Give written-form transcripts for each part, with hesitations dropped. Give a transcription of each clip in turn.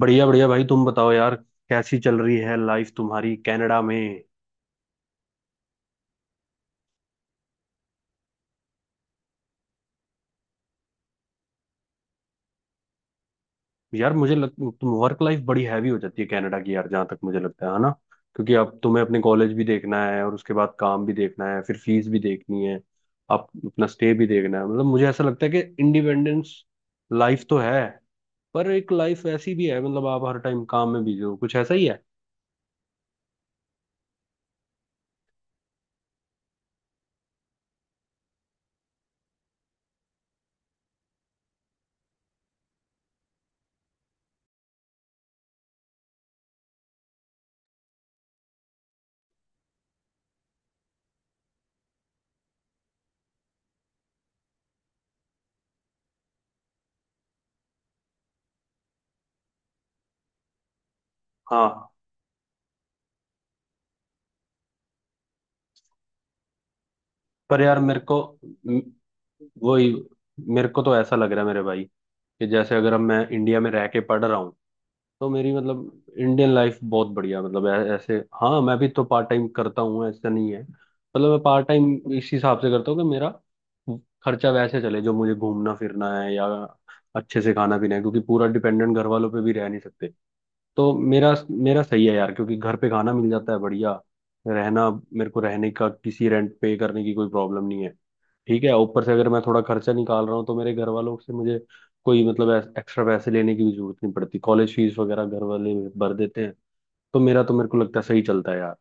बढ़िया बढ़िया भाई, तुम बताओ यार। कैसी चल रही है लाइफ तुम्हारी कनाडा में? यार मुझे लग तुम वर्क लाइफ बड़ी हैवी हो जाती है कनाडा की यार, जहाँ तक मुझे लगता है ना। क्योंकि अब तुम्हें अपने कॉलेज भी देखना है और उसके बाद काम भी देखना है, फिर फीस भी देखनी है, आप अपना स्टे भी देखना है। मतलब मुझे ऐसा लगता है कि इंडिपेंडेंस लाइफ तो है, पर एक लाइफ ऐसी भी है, मतलब आप हर टाइम काम में बिजी हो, कुछ ऐसा ही है। हाँ, पर यार मेरे को म- वही मेरे को तो ऐसा लग रहा है मेरे भाई, कि जैसे अगर अब मैं इंडिया में रह के पढ़ रहा हूँ तो मेरी मतलब इंडियन लाइफ बहुत बढ़िया, मतलब ऐसे, हाँ, मैं भी तो पार्ट टाइम करता हूँ, ऐसा नहीं है, मतलब मैं पार्ट टाइम इस हिसाब से करता हूँ कि मेरा खर्चा वैसे चले, जो मुझे घूमना फिरना है या अच्छे से खाना पीना है, क्योंकि पूरा डिपेंडेंट घर वालों पे भी रह नहीं सकते। तो मेरा मेरा सही है यार, क्योंकि घर पे खाना मिल जाता है बढ़िया, रहना मेरे को रहने का किसी रेंट पे करने की कोई प्रॉब्लम नहीं है, ठीक है, ऊपर से अगर मैं थोड़ा खर्चा निकाल रहा हूँ तो मेरे घर वालों से मुझे कोई मतलब एक्स्ट्रा पैसे लेने की भी जरूरत नहीं पड़ती, कॉलेज फीस वगैरह घर वाले भर देते हैं। तो मेरा तो मेरे को लगता है सही चलता है यार।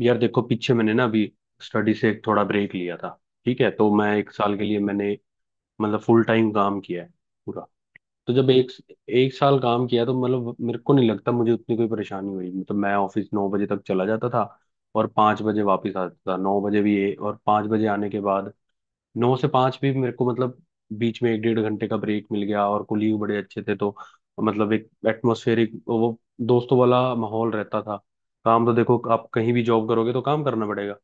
यार देखो, पीछे मैंने ना अभी स्टडी से एक थोड़ा ब्रेक लिया था, ठीक है। तो मैं एक साल के लिए मैंने मतलब फुल टाइम काम किया है, पूरा। तो जब एक एक साल काम किया तो मतलब मेरे को नहीं लगता मुझे उतनी कोई परेशानी हुई, मतलब मैं ऑफिस 9 बजे तक चला जाता था और 5 बजे वापस आता था, 9 बजे भी ये और 5 बजे आने के बाद 9 से 5 भी मेरे को मतलब बीच में एक डेढ़ घंटे का ब्रेक मिल गया, और कोलीग बड़े अच्छे थे, तो मतलब एक एटमोस्फेरिक वो दोस्तों वाला माहौल रहता था। काम तो देखो आप कहीं भी जॉब करोगे तो काम करना पड़ेगा,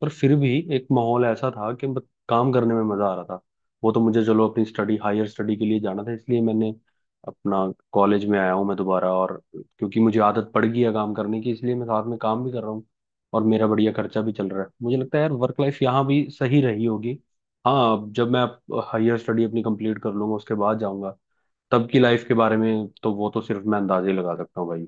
पर फिर भी एक माहौल ऐसा था कि काम करने में मजा आ रहा था। वो तो मुझे चलो अपनी स्टडी, हायर स्टडी के लिए जाना था, इसलिए मैंने अपना कॉलेज में आया हूँ मैं दोबारा, और क्योंकि मुझे आदत पड़ गई है काम करने की, इसलिए मैं साथ में काम भी कर रहा हूँ और मेरा बढ़िया खर्चा भी चल रहा है। मुझे लगता है यार वर्क लाइफ यहाँ भी सही रही होगी। हाँ, अब जब मैं हायर स्टडी अपनी कंप्लीट कर लूंगा उसके बाद जाऊंगा, तब की लाइफ के बारे में तो वो तो सिर्फ मैं अंदाजे लगा सकता हूँ भाई।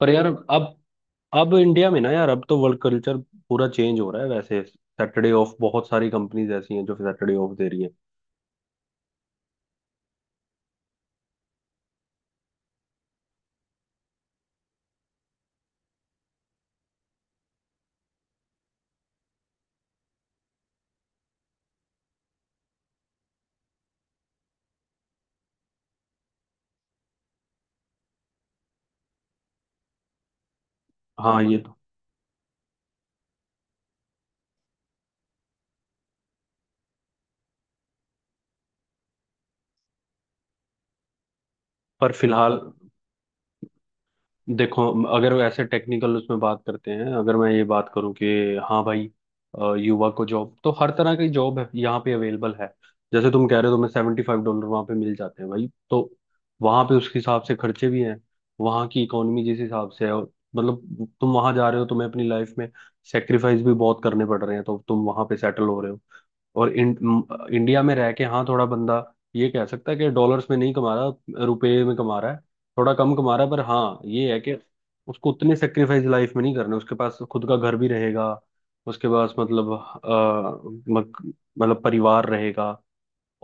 पर यार अब इंडिया में ना यार, अब तो वर्क कल्चर पूरा चेंज हो रहा है, वैसे सैटरडे ऑफ बहुत सारी कंपनीज ऐसी हैं जो सैटरडे ऑफ दे रही हैं। हाँ, ये तो, पर फिलहाल देखो, अगर ऐसे टेक्निकल उसमें बात करते हैं, अगर मैं ये बात करूं कि हाँ भाई, युवा को जॉब तो हर तरह की जॉब है यहाँ पे अवेलेबल है, जैसे तुम कह रहे हो तुम्हें $75 वहाँ पे मिल जाते हैं भाई। तो वहाँ पे उसके हिसाब से खर्चे भी हैं, वहाँ की इकोनॉमी जिस हिसाब से है, और मतलब तुम वहाँ जा रहे हो तुम्हें अपनी लाइफ में सेक्रीफाइस भी बहुत करने पड़ रहे हैं, तो तुम वहाँ पे सेटल हो रहे हो। और इंडिया में रह के हाँ थोड़ा बंदा ये कह सकता है कि डॉलर्स में नहीं कमा रहा, रुपए में कमा रहा है, थोड़ा कम कमा रहा है, पर हाँ, ये है कि उसको उतने सेक्रीफाइस लाइफ में नहीं करने, उसके पास खुद का घर भी रहेगा, उसके पास मतलब मतलब परिवार रहेगा,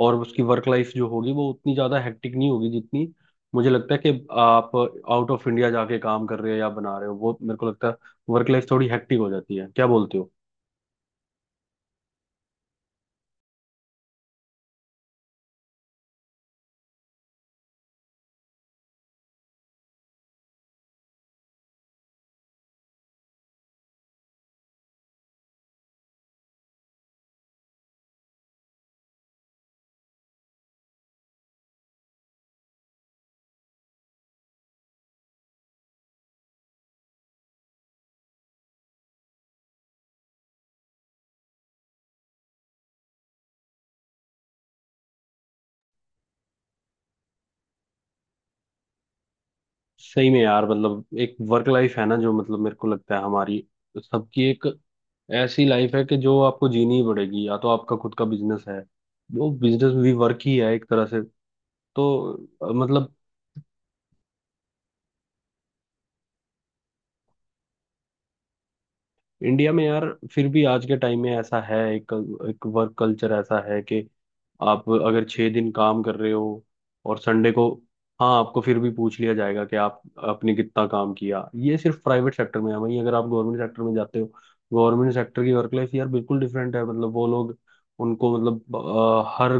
और उसकी वर्क लाइफ जो होगी वो उतनी ज्यादा हेक्टिक नहीं होगी जितनी मुझे लगता है कि आप आउट ऑफ इंडिया जाके काम कर रहे हो या बना रहे हो, वो मेरे को लगता है वर्क लाइफ थोड़ी हेक्टिक हो जाती है। क्या बोलते हो? सही में यार, मतलब एक वर्क लाइफ है ना, जो मतलब मेरे को लगता है हमारी सबकी एक ऐसी लाइफ है कि जो आपको जीनी ही पड़ेगी, या तो आपका खुद का बिजनेस है, वो बिजनेस भी वर्क ही है एक तरह से। तो मतलब इंडिया में यार, फिर भी आज के टाइम में ऐसा है, एक एक वर्क कल्चर ऐसा है कि आप अगर 6 दिन काम कर रहे हो और संडे को, हाँ आपको फिर भी पूछ लिया जाएगा कि आप आपने कितना काम किया। ये सिर्फ प्राइवेट सेक्टर में है, वहीं अगर आप गवर्नमेंट सेक्टर में जाते हो, गवर्नमेंट सेक्टर की वर्क लाइफ यार बिल्कुल डिफरेंट है, मतलब वो लोग, उनको मतलब हर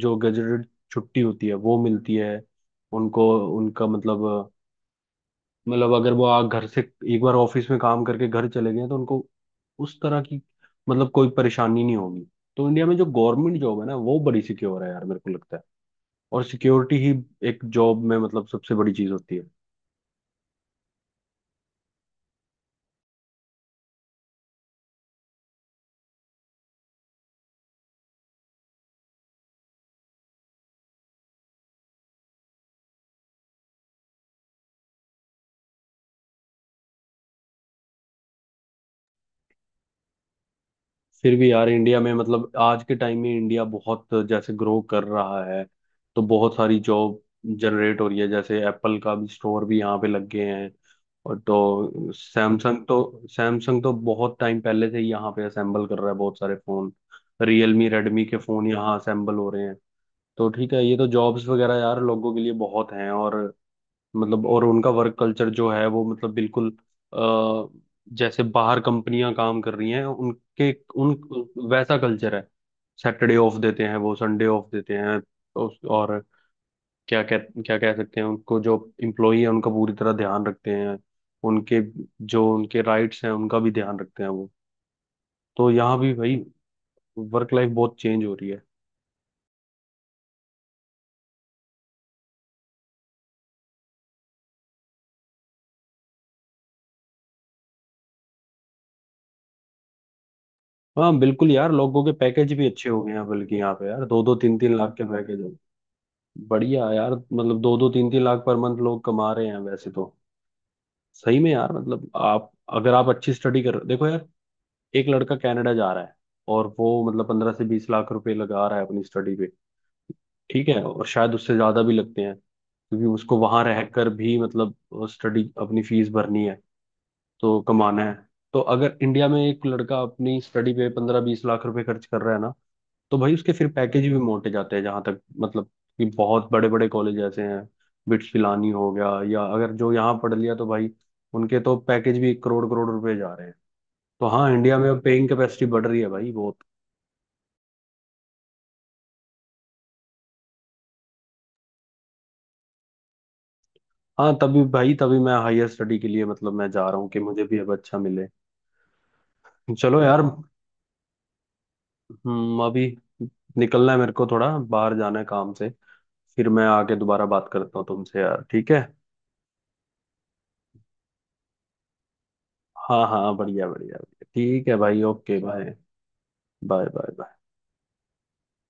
जो गजेटेड छुट्टी होती है वो मिलती है उनको, उनका मतलब, मतलब अगर वो आ घर से एक बार ऑफिस में काम करके घर चले गए तो उनको उस तरह की मतलब कोई परेशानी नहीं होगी। तो इंडिया में जो गवर्नमेंट जॉब है ना, वो बड़ी सिक्योर है यार, मेरे को लगता है, और सिक्योरिटी ही एक जॉब में मतलब सबसे बड़ी चीज होती है। फिर भी यार इंडिया में मतलब आज के टाइम में इंडिया बहुत जैसे ग्रो कर रहा है, तो बहुत सारी जॉब जनरेट हो रही है, जैसे एप्पल का भी स्टोर भी यहाँ पे लग गए हैं, और तो सैमसंग तो बहुत टाइम पहले से ही यहाँ पे असेंबल कर रहा है बहुत सारे फोन, रियलमी रेडमी के फोन यहाँ असेंबल हो रहे हैं। तो ठीक है, ये तो जॉब्स वगैरह यार लोगों के लिए बहुत हैं, और मतलब और उनका वर्क कल्चर जो है वो मतलब बिल्कुल अ, जैसे बाहर कंपनियां काम कर रही हैं उनके उन वैसा कल्चर है, सैटरडे ऑफ देते हैं वो, संडे ऑफ देते हैं, और क्या कह सकते हैं उनको, जो इम्प्लॉई है उनका पूरी तरह ध्यान रखते हैं, उनके जो उनके राइट्स हैं उनका भी ध्यान रखते हैं वो। तो यहाँ भी भाई वर्क लाइफ बहुत चेंज हो रही है। हाँ बिल्कुल यार, लोगों के पैकेज भी अच्छे हो गए हैं, बल्कि यहाँ पे यार दो दो तीन तीन लाख के पैकेज, बढ़िया यार, मतलब दो दो तीन तीन लाख पर मंथ लोग कमा रहे हैं वैसे तो। सही में यार, मतलब आप, अगर आप अच्छी स्टडी कर देखो यार, एक लड़का कनाडा जा रहा है और वो मतलब 15 से 20 लाख रुपए लगा रहा है अपनी स्टडी पे, ठीक है, और शायद उससे ज्यादा भी लगते हैं, क्योंकि उसको वहां रहकर भी मतलब स्टडी अपनी फीस भरनी है तो कमाना है। तो अगर इंडिया में एक लड़का अपनी स्टडी पे 15-20 लाख रुपए खर्च कर रहा है ना, तो भाई उसके फिर पैकेज भी मोटे जाते हैं, जहां तक मतलब कि बहुत बड़े बड़े कॉलेज ऐसे हैं, बिट्स पिलानी हो गया या अगर जो यहाँ पढ़ लिया तो भाई उनके तो पैकेज भी करोड़ करोड़ रुपए जा रहे हैं। तो हाँ इंडिया में अब पेइंग कैपेसिटी बढ़ रही है भाई बहुत। हाँ, तभी भाई, तभी मैं हायर स्टडी के लिए मतलब मैं जा रहा हूँ कि मुझे भी अब अच्छा मिले। चलो यार। अभी निकलना है मेरे को, थोड़ा बाहर जाना है काम से, फिर मैं आके दोबारा बात करता हूँ तुमसे यार, ठीक है? हाँ हाँ, बढ़िया बढ़िया बढ़िया। ठीक है भाई, ओके, बाय। Bye bye.